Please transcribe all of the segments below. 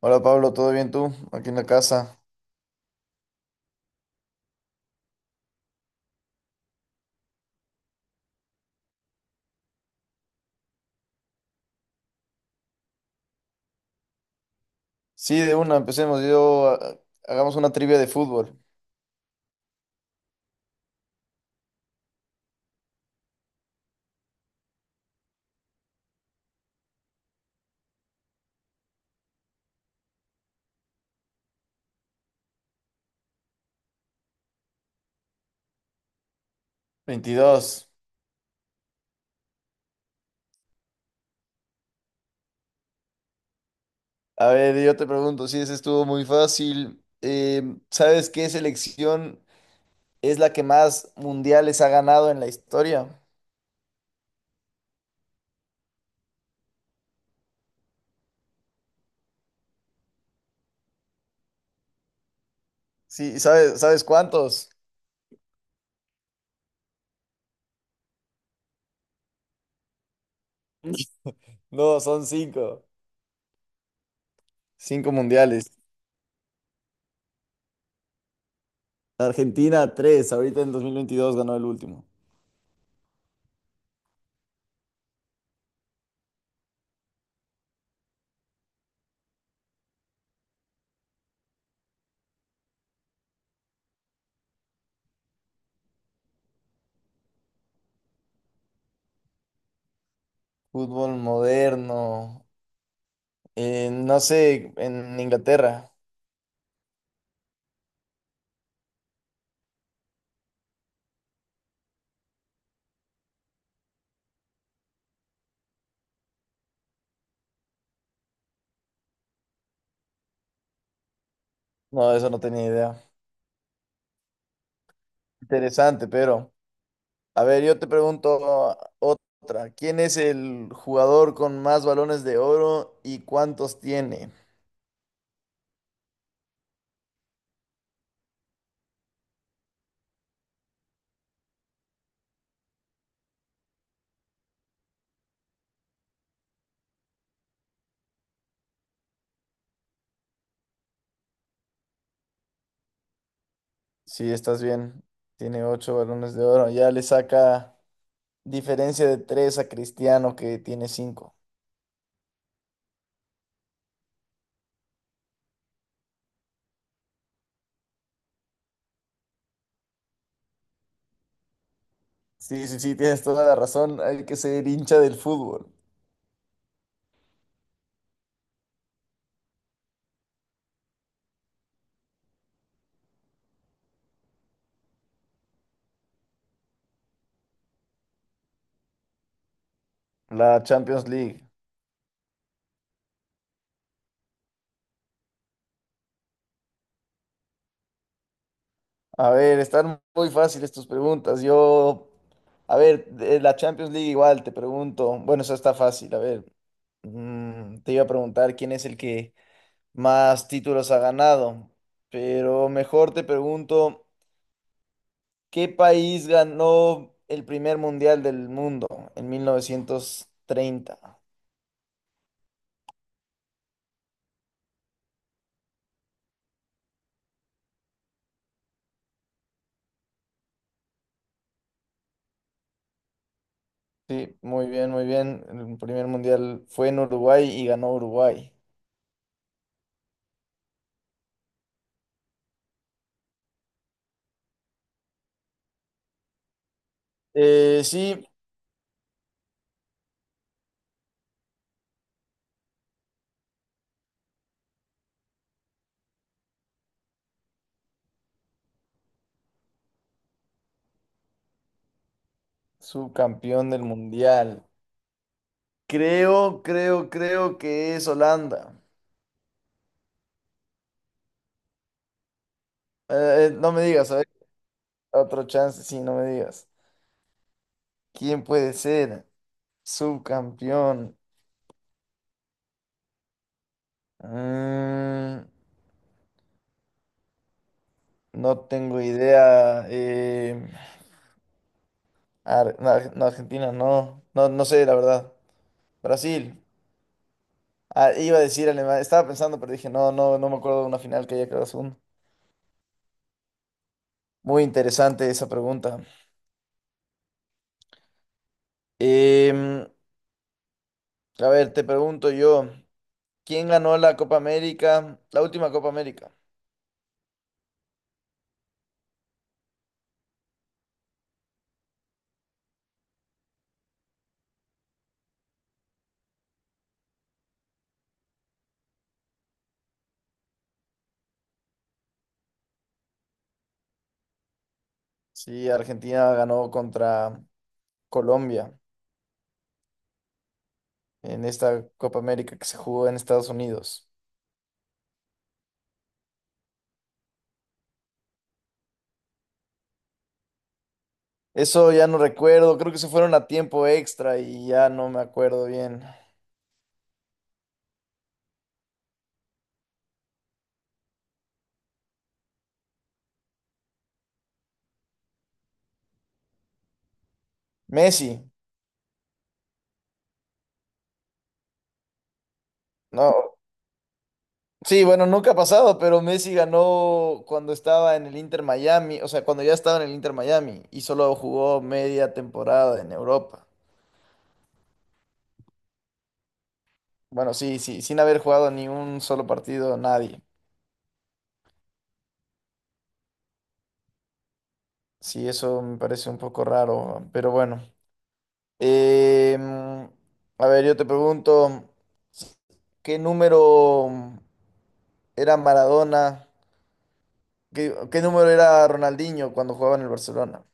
Hola Pablo, ¿todo bien tú? Aquí en la casa. Sí, de una, empecemos. Hagamos una trivia de fútbol. 22. A ver, yo te pregunto, si ese estuvo muy fácil. ¿Sabes qué selección es la que más mundiales ha ganado en la historia? Sí, ¿sabes cuántos? No, son cinco. Cinco mundiales. Argentina, tres. Ahorita en 2022 ganó el último. Fútbol moderno. No sé, en Inglaterra. No, eso no tenía idea. Interesante, pero a ver, yo te pregunto otra. ¿Quién es el jugador con más balones de oro y cuántos tiene? Sí, estás bien. Tiene ocho balones de oro. Ya le saca diferencia de tres a Cristiano que tiene cinco. Sí, sí, sí, tienes toda la razón. Hay que ser hincha del fútbol. La Champions League. A ver, están muy fáciles tus preguntas. Yo, a ver, de la Champions League igual te pregunto. Bueno, eso está fácil. A ver, te iba a preguntar quién es el que más títulos ha ganado, pero mejor te pregunto, ¿qué país ganó el primer mundial del mundo en 1930? Sí, muy bien, muy bien. El primer mundial fue en Uruguay y ganó Uruguay. Sí. Subcampeón del mundial. Creo que es Holanda. No me digas, a ver, otro chance, sí, no me digas. ¿Quién puede ser subcampeón? Mm, no tengo idea. No, no, Argentina, no. No, no sé, la verdad. Brasil. Ah, iba a decir Alemania. Estaba pensando, pero dije, no, no, no me acuerdo de una final que haya quedado segundo. Muy interesante esa pregunta. Em, a ver, te pregunto yo. ¿Quién ganó la Copa América? La última Copa América. Sí, Argentina ganó contra Colombia en esta Copa América que se jugó en Estados Unidos. Eso ya no recuerdo, creo que se fueron a tiempo extra y ya no me acuerdo bien. Messi, no. Sí, bueno, nunca ha pasado, pero Messi ganó cuando estaba en el Inter Miami, o sea, cuando ya estaba en el Inter Miami y solo jugó media temporada en Europa. Bueno, sí, sí, sin haber jugado ni un solo partido, nadie. Sí, eso me parece un poco raro, pero bueno. Em, a ver, yo te pregunto, ¿qué número era Maradona? ¿Qué número era Ronaldinho cuando jugaba en el Barcelona?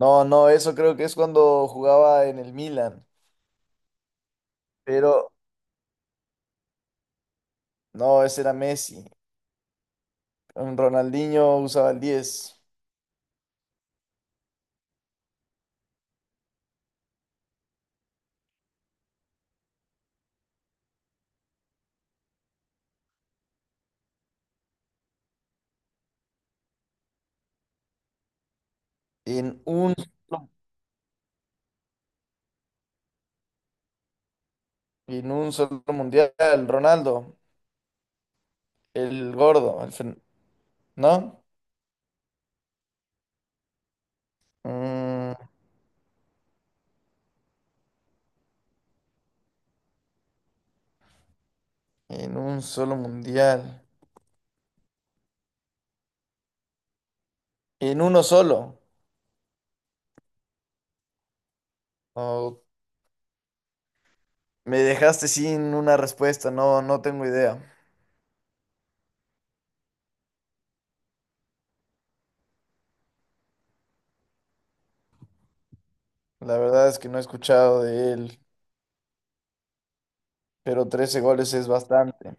No, no, eso creo que es cuando jugaba en el Milan, pero no, ese era Messi. Mm, Ronaldinho usaba el 10. En un, solo- en un solo mundial, Ronaldo, el gordo, ¿no? Mm, En un solo mundial. En uno solo. No, me dejaste sin una respuesta. No, no tengo idea. La verdad es que no he escuchado de él. Pero 13 goles es bastante.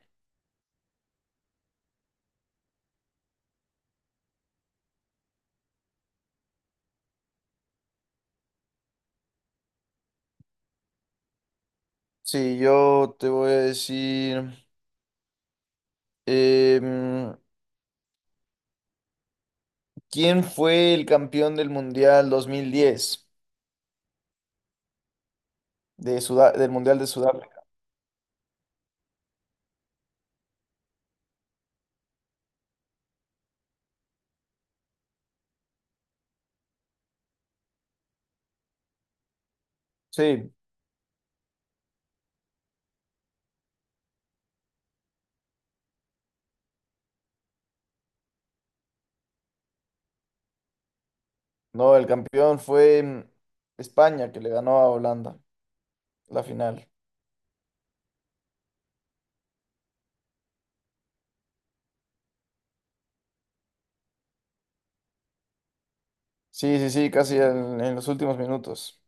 Sí, yo te voy a decir. em, ¿Quién fue el campeón del mundial 2010? Del mundial de Sudáfrica. Sí, no, el campeón fue España que le ganó a Holanda la final. Sí, sí, sí, casi en los últimos minutos.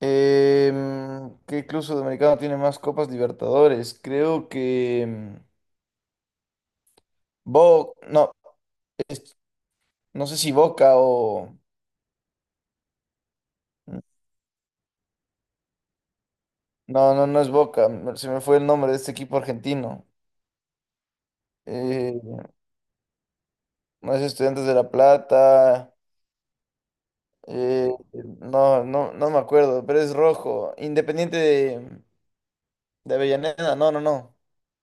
¿Qué club sudamericano tiene más Copas Libertadores? Creo que no, es- no sé si Boca o no, no, no es Boca. Se me fue el nombre de este equipo argentino. Eh, no es Estudiantes de La Plata. eh, no, no, no me acuerdo, pero es rojo. Independiente de Avellaneda. No, no, no.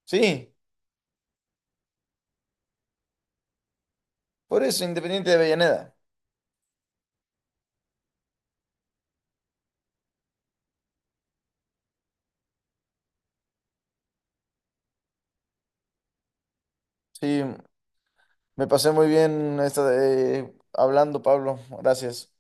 Sí, por eso Independiente de Avellaneda. Sí, me pasé muy bien hablando, Pablo. Gracias.